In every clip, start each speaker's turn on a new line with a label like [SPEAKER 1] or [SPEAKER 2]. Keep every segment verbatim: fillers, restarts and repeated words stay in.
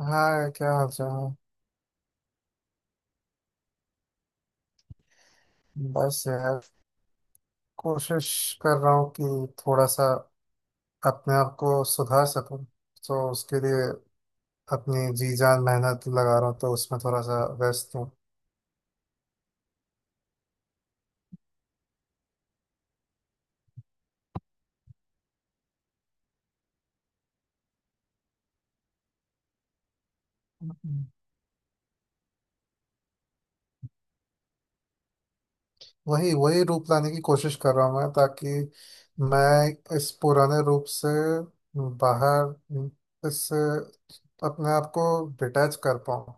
[SPEAKER 1] हाँ, क्या हाल चाल है? बस यार, कोशिश कर रहा हूँ कि थोड़ा सा अपने आप को सुधार सकूं। तो उसके लिए अपनी जी जान मेहनत लगा रहा हूँ, तो उसमें थोड़ा सा व्यस्त हूँ। वही वही रूप लाने की कोशिश कर रहा हूँ मैं, ताकि मैं इस पुराने रूप से बाहर, इस अपने आप को डिटैच कर पाऊँ।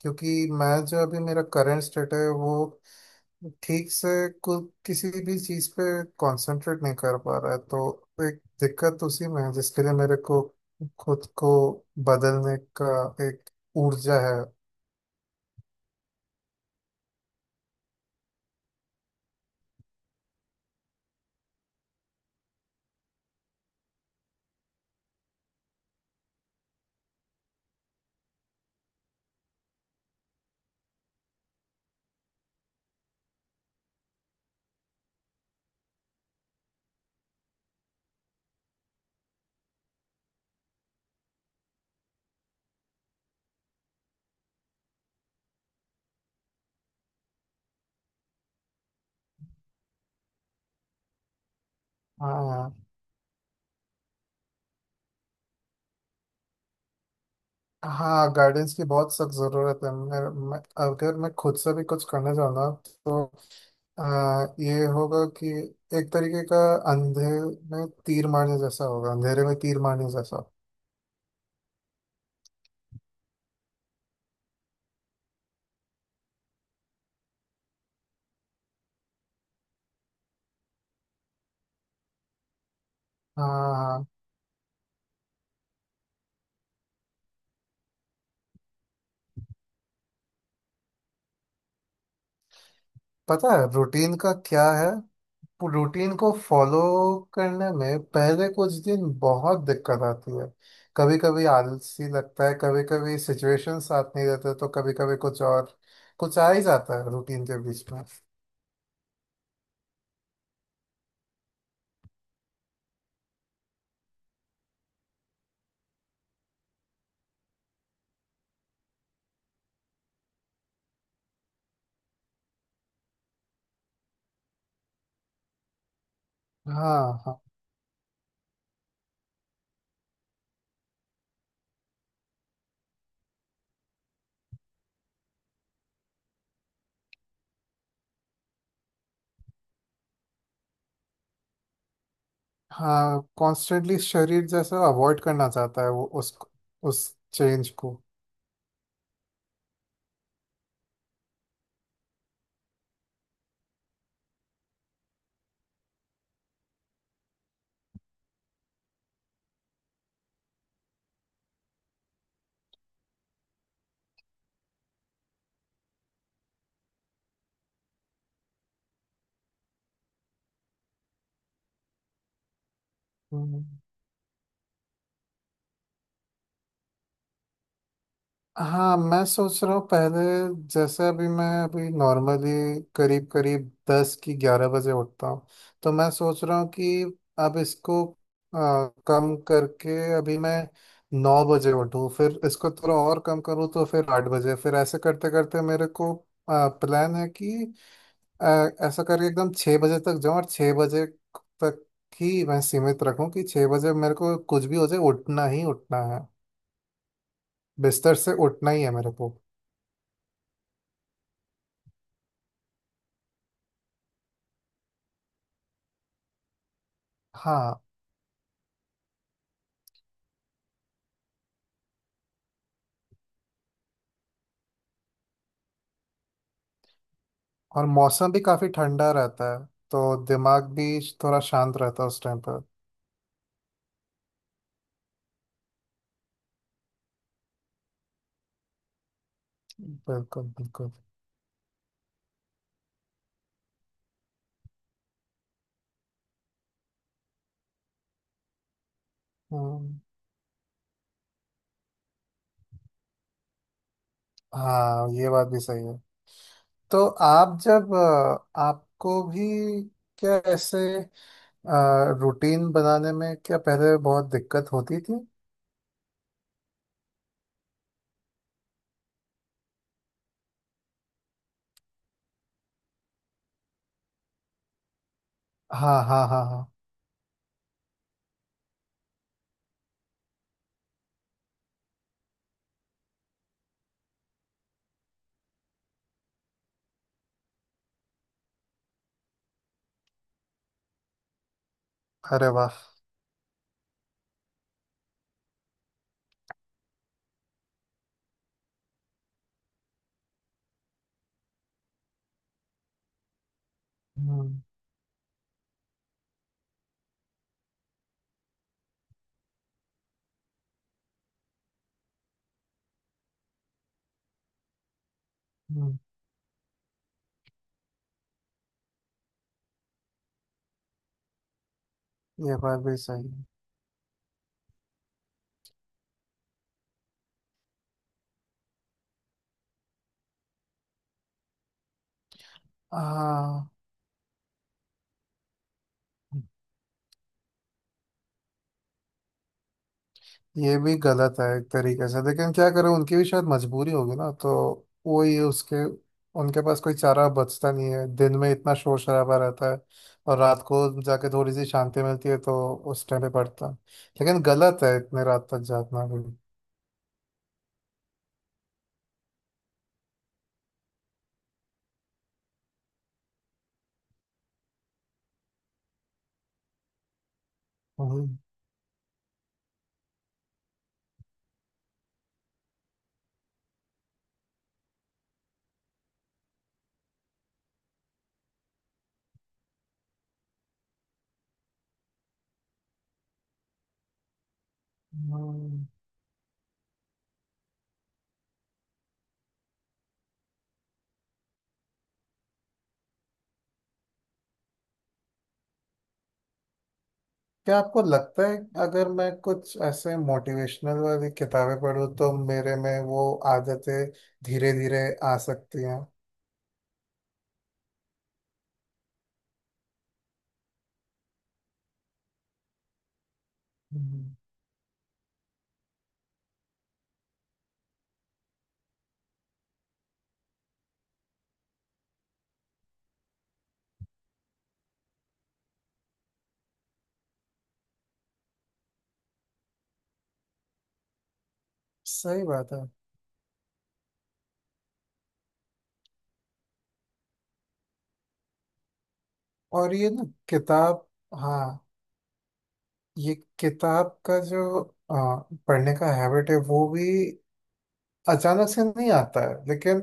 [SPEAKER 1] क्योंकि मैं जो अभी मेरा करंट स्टेट है, वो ठीक से कुछ किसी भी चीज पे कंसंट्रेट नहीं कर पा रहा है। तो एक दिक्कत उसी में है, जिसके लिए मेरे को खुद को बदलने का एक ऊर्जा है। हाँ, हाँ, गाइडेंस की बहुत सख्त जरूरत है। मैं, मैं अगर मैं खुद से भी कुछ करने जाऊँ ना तो आ, ये होगा कि एक तरीके का अंधे में तीर मारने जैसा होगा, अंधेरे में तीर मारने जैसा। हाँ, हाँ, पता है रूटीन का क्या है। रूटीन को फॉलो करने में पहले कुछ दिन बहुत दिक्कत आती है। कभी कभी आलसी लगता है, कभी कभी सिचुएशन साथ नहीं देते, तो कभी कभी कुछ और कुछ आ ही जाता है रूटीन के बीच में। हाँ, हाँ, हाँ, कॉन्स्टेंटली शरीर जैसे अवॉइड करना चाहता है वो उस उस चेंज को। हम्म। हाँ, मैं सोच रहा हूँ। पहले जैसे अभी, मैं अभी नॉर्मली करीब करीब दस की ग्यारह बजे उठता हूँ। तो मैं सोच रहा हूँ कि अब इसको आ, कम करके अभी मैं नौ बजे उठूँ, फिर इसको थोड़ा और कम करूँ तो फिर आठ बजे, फिर ऐसे करते करते मेरे को आ, प्लान है कि आ, ऐसा करके एकदम छः बजे तक जाऊँ, और छः बजे तक ही मैं सीमित रखूँ कि छः बजे मेरे को कुछ भी हो जाए, उठना ही उठना है, बिस्तर से उठना ही है मेरे को। हाँ, और मौसम भी काफी ठंडा रहता है, तो दिमाग भी थोड़ा शांत रहता है उस टाइम पर। बिल्कुल, बिल्कुल। हम्म, हाँ, ये बात भी सही है। तो आप जब, अ, आपको भी क्या ऐसे रूटीन बनाने में क्या पहले बहुत दिक्कत होती थी? हाँ, हाँ, हाँ, हाँ। अरे वाह। हम्म। हम्म, ये बात भी सही है। हाँ, ये भी गलत है एक तरीके से, लेकिन क्या करें, उनकी भी शायद मजबूरी होगी ना, तो वो ही उसके, उनके पास कोई चारा बचता नहीं है। दिन में इतना शोर शराबा रहता है, और रात को जाके थोड़ी सी शांति मिलती है, तो उस टाइम पे पड़ता है। लेकिन गलत है इतने रात तक जागना भी। हम्म, हम्म। क्या आपको लगता है, अगर मैं कुछ ऐसे मोटिवेशनल वाली किताबें पढूं तो मेरे में वो आदतें धीरे धीरे आ सकती हैं? हम्म, सही बात है। और ये ना, किताब, हाँ, ये किताब का जो आ, पढ़ने का हैबिट है वो भी अचानक से नहीं आता है, लेकिन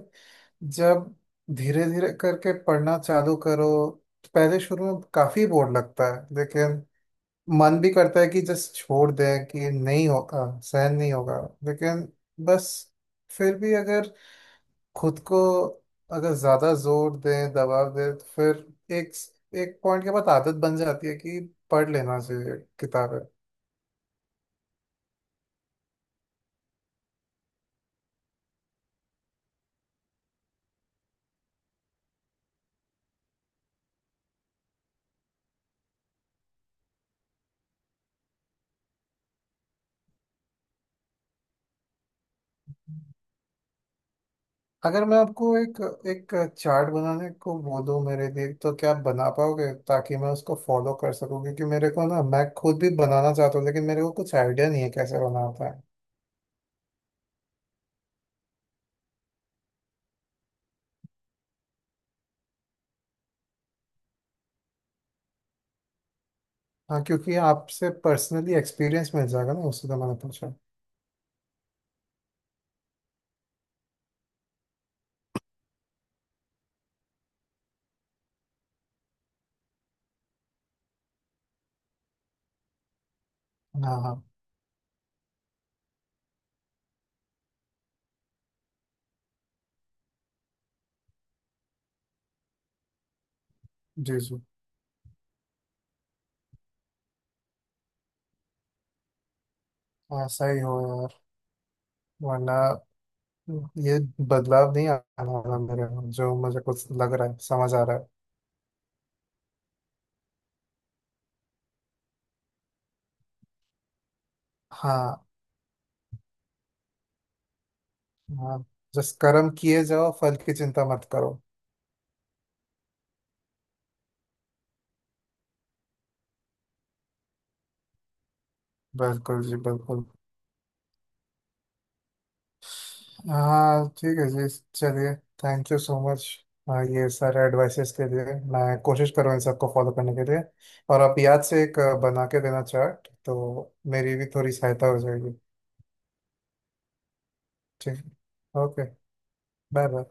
[SPEAKER 1] जब धीरे धीरे करके पढ़ना चालू करो तो पहले शुरू में काफी बोर लगता है। लेकिन मन भी करता है कि जस्ट छोड़ दें कि नहीं होगा, सहन नहीं होगा, लेकिन बस, फिर भी अगर खुद को, अगर ज्यादा जोर दें, दबाव दें तो फिर एक एक पॉइंट के बाद आदत बन जाती है कि पढ़ लेना चाहिए किताबें। अगर मैं आपको एक एक चार्ट बनाने को बोलूँ मेरे लिए, तो क्या आप बना पाओगे, ताकि मैं उसको फॉलो कर सकूँ? क्योंकि मेरे को ना, मैं खुद भी बनाना चाहता हूँ, लेकिन मेरे को कुछ आइडिया नहीं है कैसे बनाता है। हाँ, क्योंकि आपसे पर्सनली एक्सपीरियंस मिल जाएगा ना उससे, तो मैंने पूछा। हाँ, हाँ। जी, जी। हाँ, सही हो यार। वरना ये बदलाव नहीं आना वाला मेरे में, जो मुझे कुछ लग रहा है, समझ आ रहा है। हाँ। हाँ, जिस कर्म किए जाओ, फल की चिंता मत करो। बिल्कुल जी, बिल्कुल। हाँ, ठीक है जी, चलिए। Thank you so much. हाँ, ये सारे एडवाइसेस के लिए। मैं कोशिश करूँ इन सबको फॉलो करने के लिए। और आप याद से एक अ, बना के देना चार्ट, तो मेरी भी थोड़ी सहायता हो जाएगी। ठीक। ओके। Bye bye.